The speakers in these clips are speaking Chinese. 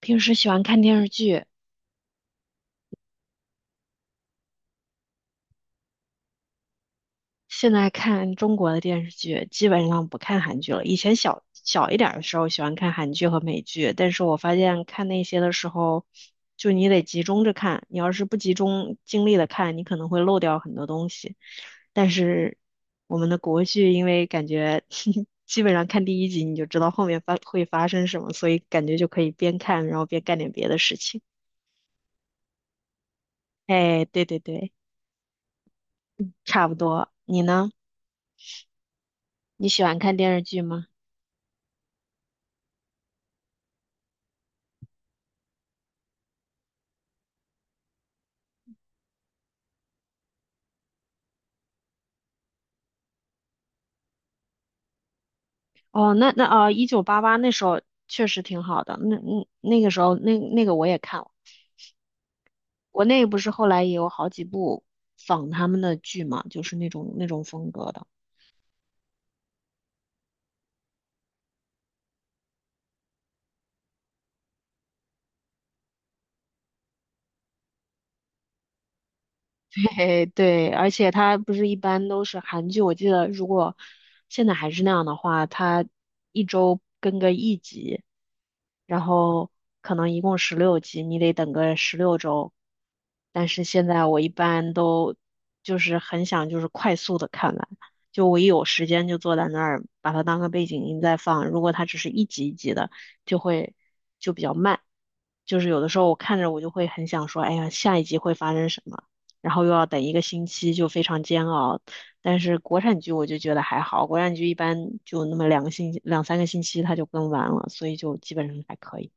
平时喜欢看电视剧，现在看中国的电视剧，基本上不看韩剧了。以前小小一点儿的时候喜欢看韩剧和美剧，但是我发现看那些的时候，就你得集中着看，你要是不集中精力的看，你可能会漏掉很多东西。但是我们的国剧，因为感觉 基本上看第一集你就知道后面会发生什么，所以感觉就可以边看然后边干点别的事情。哎，对对对，差不多。你呢？你喜欢看电视剧吗？哦，那啊，1988那时候确实挺好的，那个时候那个我也看了，我那个不是后来也有好几部仿他们的剧嘛，就是那种风格的。对 对，而且它不是一般都是韩剧，我记得如果现在还是那样的话，它一周更个一集，然后可能一共16集，你得等个16周。但是现在我一般都就是很想就是快速的看完，就我一有时间就坐在那儿把它当个背景音在放。如果它只是一集一集的，就会就比较慢，就是有的时候我看着我就会很想说，哎呀，下一集会发生什么。然后又要等一个星期，就非常煎熬。但是国产剧我就觉得还好，国产剧一般就那么2个星期2、3个星期它就更完了，所以就基本上还可以。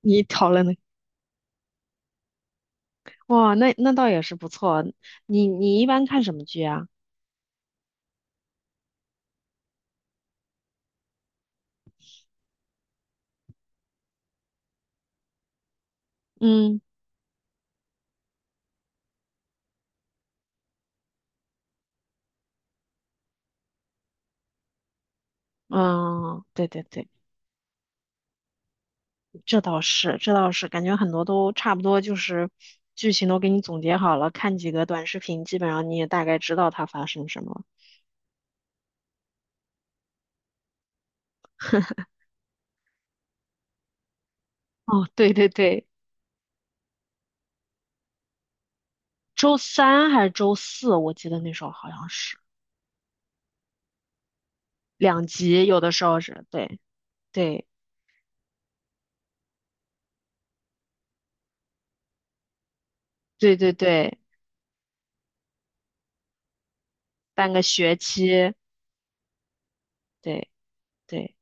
你讨论的，哇，那倒也是不错。你一般看什么剧啊？嗯嗯，对对对，这倒是，这倒是，感觉很多都差不多，就是剧情都给你总结好了，看几个短视频，基本上你也大概知道它发生什么了。哦，对对对，周三还是周四，我记得那时候好像是。两集有的时候是对对对对对，半个学期，对对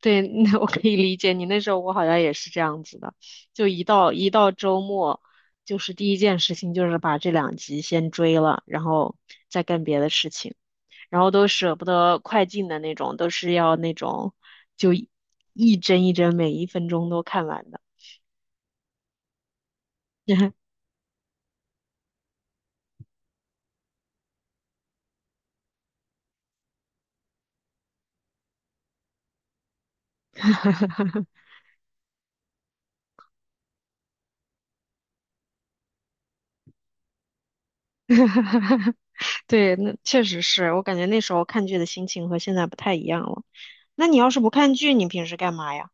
对，那我可以理解你。那时候我好像也是这样子的，就一到周末，就是第一件事情就是把这两集先追了，然后再干别的事情，然后都舍不得快进的那种，都是要那种就一帧一帧每一分钟都看完的。对，那确实是我感觉那时候看剧的心情和现在不太一样了。那你要是不看剧，你平时干嘛呀？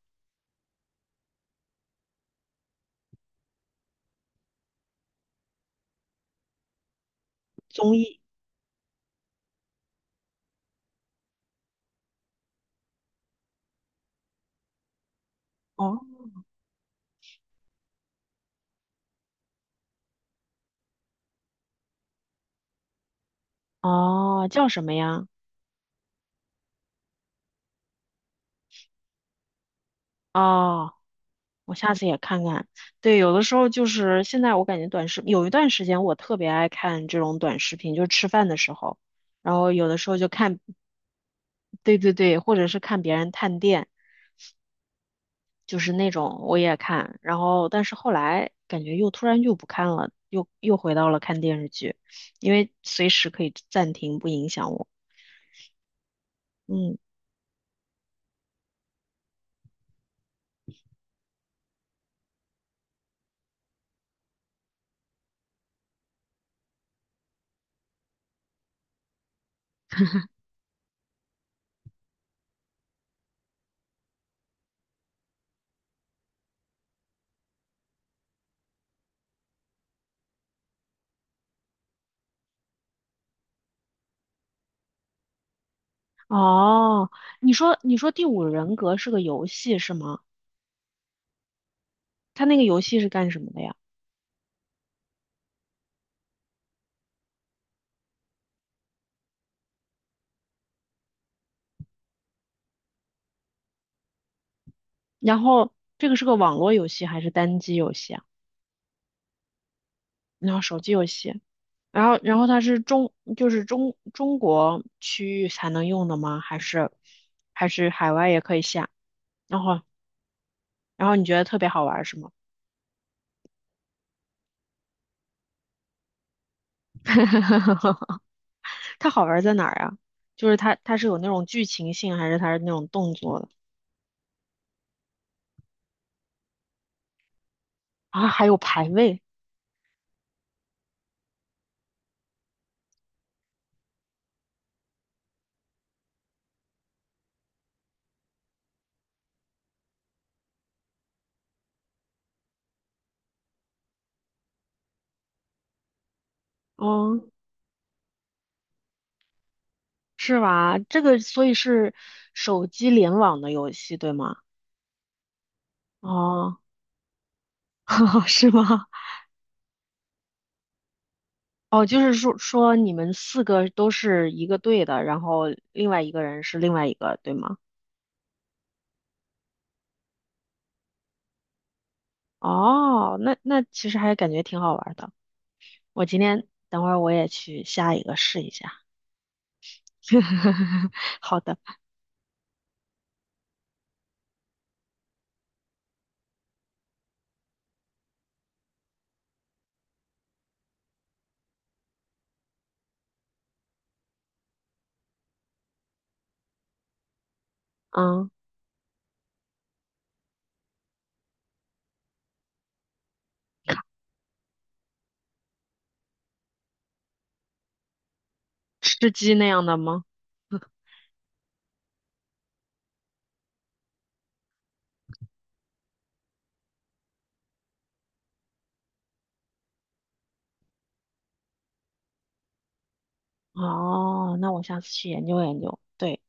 综艺？哦哦，叫什么呀？哦，我下次也看看。对，有的时候就是现在，我感觉短视，有一段时间我特别爱看这种短视频，就是吃饭的时候，然后有的时候就看，对对对，或者是看别人探店，就是那种我也看。然后，但是后来感觉又突然就不看了，又回到了看电视剧，因为随时可以暂停，不影响我。嗯。哦，你说《第五人格》是个游戏是吗？它那个游戏是干什么的呀？然后这个是个网络游戏还是单机游戏啊？然后手机游戏，然后它是中就是中中国区域才能用的吗？还是海外也可以下？然后然后你觉得特别好玩是吗？它好玩在哪儿啊？就是它是有那种剧情性还是它是那种动作的啊？还有排位哦。是吧？这个所以是手机联网的游戏，对吗？哦，是吗？哦，就是说你们四个都是一个队的，然后另外一个人是另外一个，对吗？哦，那其实还感觉挺好玩的。我今天等会儿我也去下一个试一下。好的，嗯，吃鸡那样的吗？哦，那我下次去研究研究。对，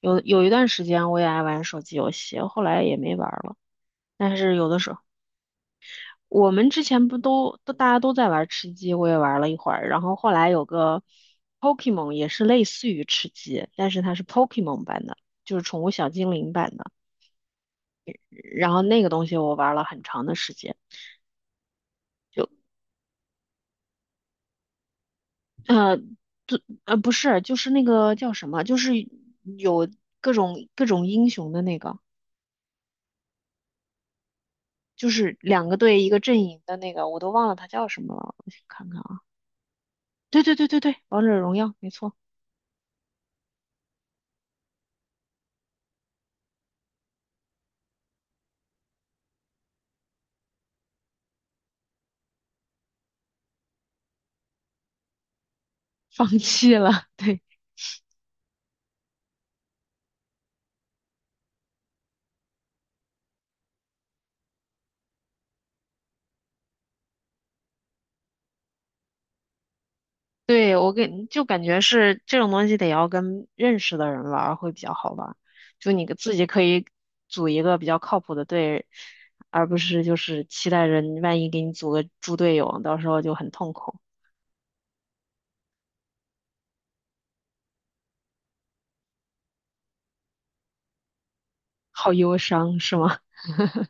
有一段时间我也爱玩手机游戏，后来也没玩儿了。但是有的时候，我们之前不都大家都在玩吃鸡，我也玩了一会儿，然后后来有个 Pokemon 也是类似于吃鸡，但是它是 Pokemon 版的，就是宠物小精灵版的。然后那个东西我玩了很长的时间，就就不是，就是那个叫什么，就是有各种英雄的那个，就是两个队一个阵营的那个，我都忘了它叫什么了，我去看看啊。对对对对对，王者荣耀没错，放弃了，对。对，就感觉是这种东西得要跟认识的人玩儿会比较好玩儿，就你个自己可以组一个比较靠谱的队，而不是就是期待着你万一给你组个猪队友，到时候就很痛苦，好忧伤，是吗？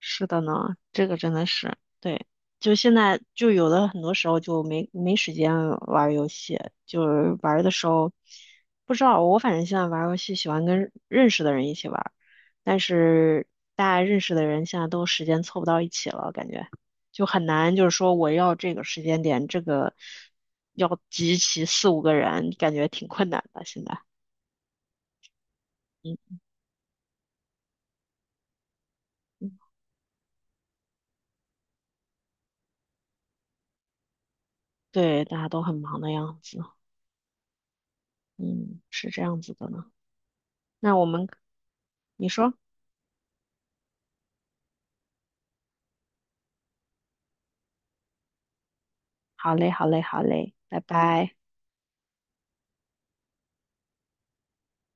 是的呢，这个真的是，对，就现在就有的很多时候就没时间玩儿游戏，就是玩儿的时候不知道，我反正现在玩儿游戏喜欢跟认识的人一起玩儿。但是大家认识的人现在都时间凑不到一起了，感觉就很难，就是说我要这个时间点，这个要集齐四五个人，感觉挺困难的现在。嗯，对，大家都很忙的样子，嗯，是这样子的呢。那我们，你说，好嘞，好嘞，好嘞，拜拜。